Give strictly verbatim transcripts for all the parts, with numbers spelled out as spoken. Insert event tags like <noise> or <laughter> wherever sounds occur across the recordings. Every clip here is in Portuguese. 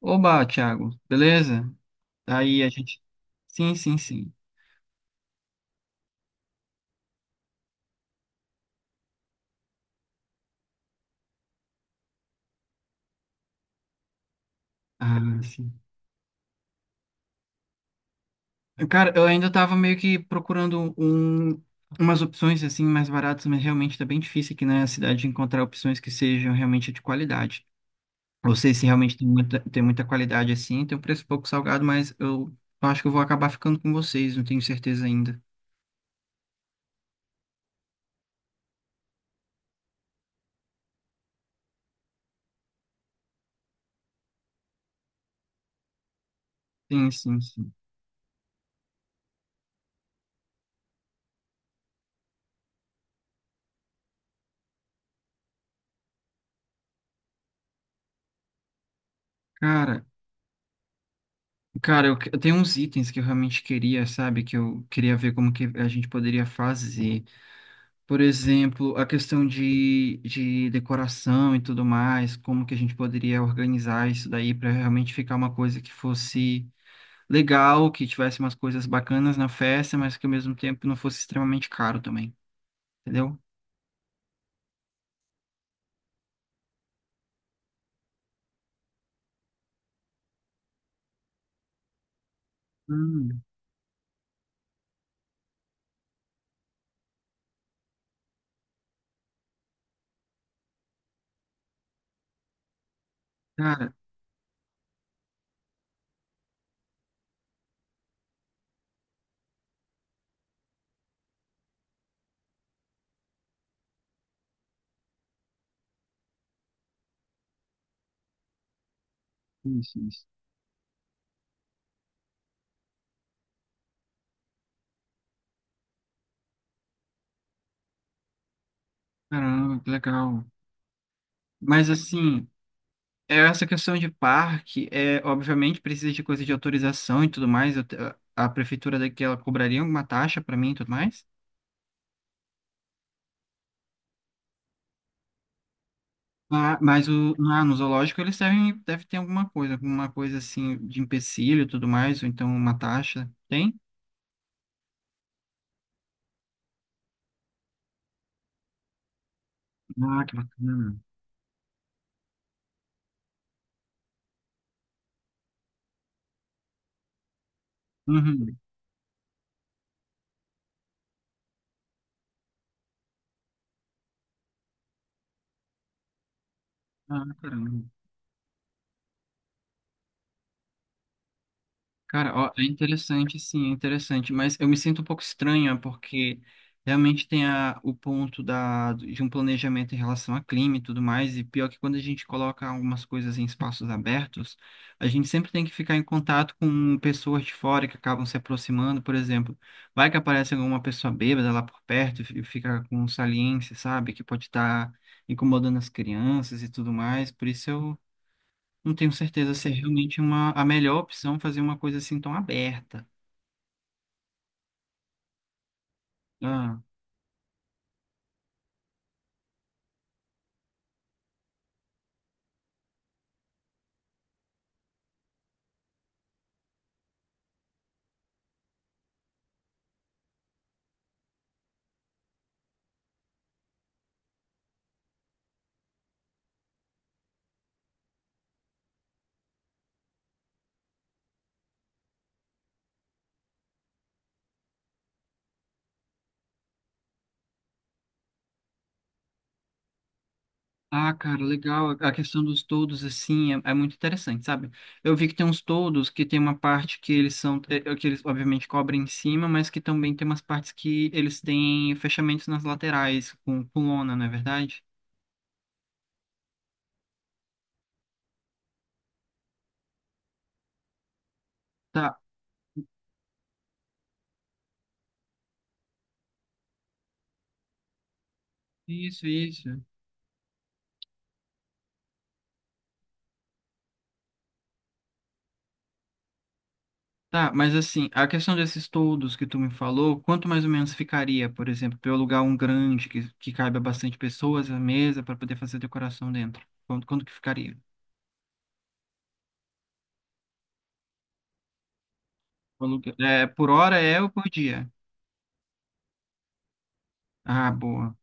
Oba, Thiago, beleza? Aí a gente. Sim, sim, sim. Ah, sim. Cara, eu ainda tava meio que procurando um, umas opções assim mais baratas, mas realmente tá bem difícil aqui na cidade de encontrar opções que sejam realmente de qualidade. Não sei se realmente tem muita, tem muita qualidade assim, tem um preço pouco salgado, mas eu acho que eu vou acabar ficando com vocês, não tenho certeza ainda. Sim, sim, sim. Cara, cara, eu, que- eu tenho uns itens que eu realmente queria, sabe? Que eu queria ver como que a gente poderia fazer. Por exemplo, a questão de, de decoração e tudo mais, como que a gente poderia organizar isso daí para realmente ficar uma coisa que fosse legal, que tivesse umas coisas bacanas na festa, mas que ao mesmo tempo não fosse extremamente caro também, entendeu? Hum. Cara, isso, isso. Caramba, que legal. Mas assim, é essa questão de parque, é, obviamente precisa de coisa de autorização e tudo mais. eu te- a prefeitura daqui, ela cobraria alguma taxa para mim e tudo mais? Ah, mas o, ah, no zoológico eles devem, deve ter alguma coisa, alguma coisa assim de empecilho e tudo mais, ou então uma taxa. Tem? Ah, que bacana. Uhum. Ah, caramba. Cara, ó, é interessante, sim, é interessante, mas eu me sinto um pouco estranha porque realmente tem a, o ponto da, de um planejamento em relação a clima e tudo mais, e pior que quando a gente coloca algumas coisas em espaços abertos, a gente sempre tem que ficar em contato com pessoas de fora que acabam se aproximando, por exemplo, vai que aparece alguma pessoa bêbada lá por perto e fi- fica com um saliência, sabe, que pode estar incomodando as crianças e tudo mais, por isso eu não tenho certeza se é realmente uma, a melhor opção fazer uma coisa assim tão aberta. Ah, ah, cara, legal. A questão dos toldos, assim, é, é muito interessante, sabe? Eu vi que tem uns toldos que tem uma parte que eles são, eh, que eles obviamente cobrem em cima, mas que também tem umas partes que eles têm fechamentos nas laterais, com, com lona, não é verdade? Tá. Isso, isso. Tá, mas assim, a questão desses todos que tu me falou, quanto mais ou menos ficaria, por exemplo, para eu alugar um grande que, que caiba bastante pessoas, a mesa, para poder fazer decoração dentro? Quanto, quanto que ficaria? O aluguel- É, por hora é ou por dia? Ah, boa.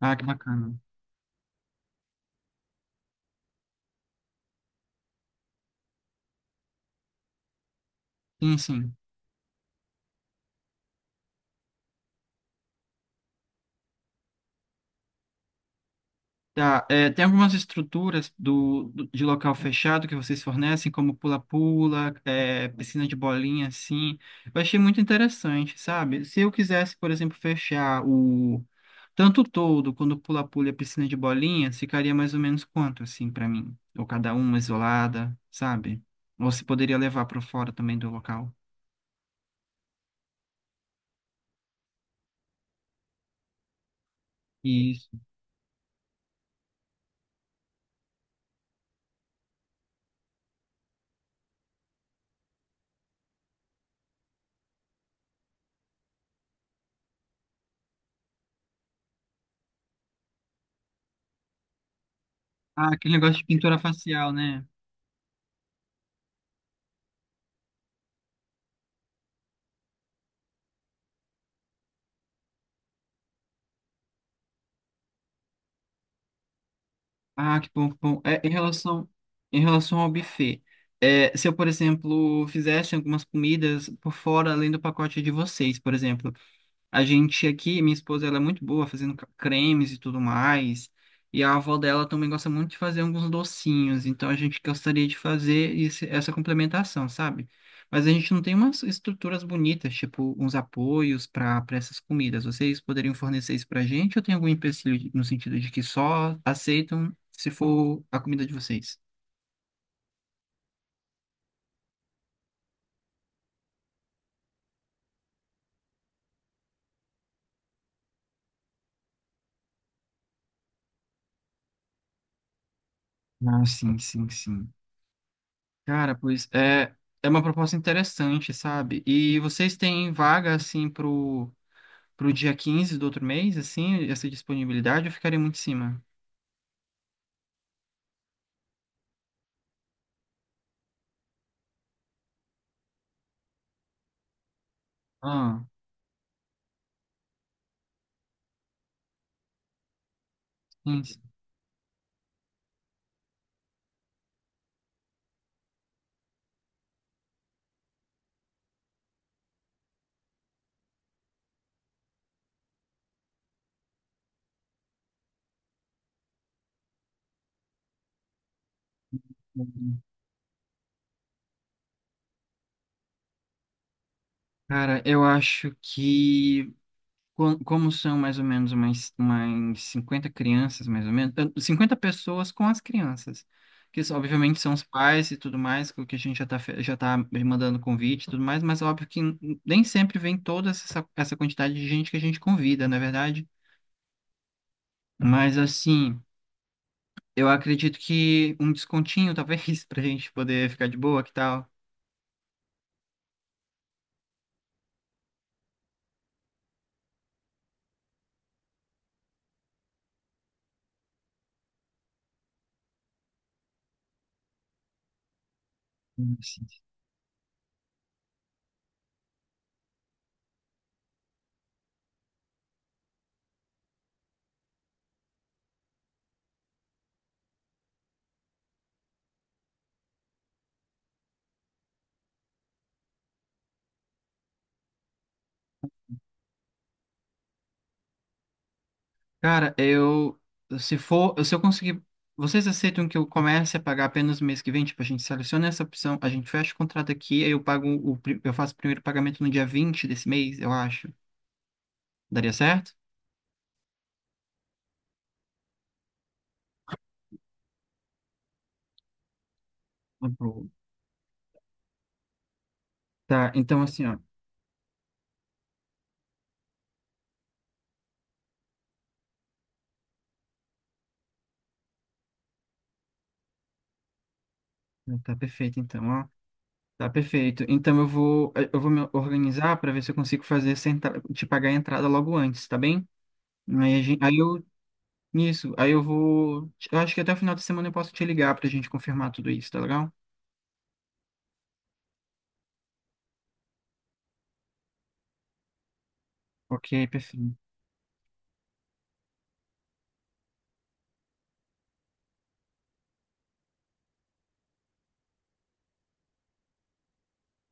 Ah, que bacana. Sim, sim. Tá, é, tem algumas estruturas do, do- de local fechado que vocês fornecem, como pula-pula, é, piscina de bolinha, assim. Eu achei muito interessante, sabe? Se eu quisesse, por exemplo, fechar o tanto todo, quando pula-pula e piscina de bolinha, ficaria mais ou menos quanto, assim, para mim? Ou cada uma isolada, sabe? Ou se poderia levar para fora também do local. Isso. Ah, aquele negócio de pintura facial, né? Ah, que bom, que bom. É, em relação, em relação ao buffet, é, se eu, por exemplo, fizesse algumas comidas por fora, além do pacote de vocês, por exemplo, a gente aqui, minha esposa, ela é muito boa fazendo ca- cremes e tudo mais. E a avó dela também gosta muito de fazer alguns docinhos. Então a gente gostaria de fazer esse- essa complementação, sabe? Mas a gente não tem umas estruturas bonitas, tipo uns apoios para para essas comidas. Vocês poderiam fornecer isso pra gente ou tem algum empecilho no sentido de que só aceitam se for a comida de vocês? Ah, sim, sim, sim. Cara, pois é, é uma proposta interessante, sabe? E vocês têm vaga assim pro pro dia quinze do outro mês, assim, essa disponibilidade, eu ficaria muito em cima. Ah, sim, sim. Cara, eu acho que co- como são mais ou menos umas, umas cinquenta crianças, mais ou menos, eh, 50 pessoas com as crianças, que isso, obviamente são os pais e tudo mais, que a gente já tá, fe- já tá mandando convite e tudo mais, mas óbvio que n- nem sempre vem toda essa, essa quantidade de gente que a gente convida, não é verdade? Mas assim. Eu acredito que um descontinho, talvez, <laughs> pra gente poder ficar de boa, que tal? Sim. Cara, eu. Se for. Se eu conseguir. Vocês aceitam que eu comece a pagar apenas mês que vem? Tipo, a gente seleciona essa opção, a gente fecha o contrato aqui, aí eu pago o. pri- Eu faço o primeiro pagamento no dia vinte desse mês, eu acho. Daria certo? Tá bom. Tá, então assim, ó. Tá perfeito, então, ó. Tá perfeito. Então eu vou, eu vou me organizar para ver se eu consigo fazer essa entrada, te pagar a entrada logo antes, tá bem? Aí, a gente, aí eu. Isso, aí eu vou. Eu acho que até o final da semana eu posso te ligar pra gente confirmar tudo isso, tá legal? Ok, perfeito.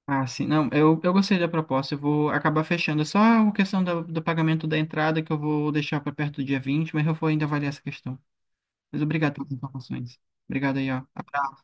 Ah, sim, não, eu, eu gostei da proposta, eu vou acabar fechando. É só a questão da- do pagamento da entrada que eu vou deixar para perto do dia vinte, mas eu vou ainda avaliar essa questão. Mas obrigado pelas informações. Obrigado aí, ó.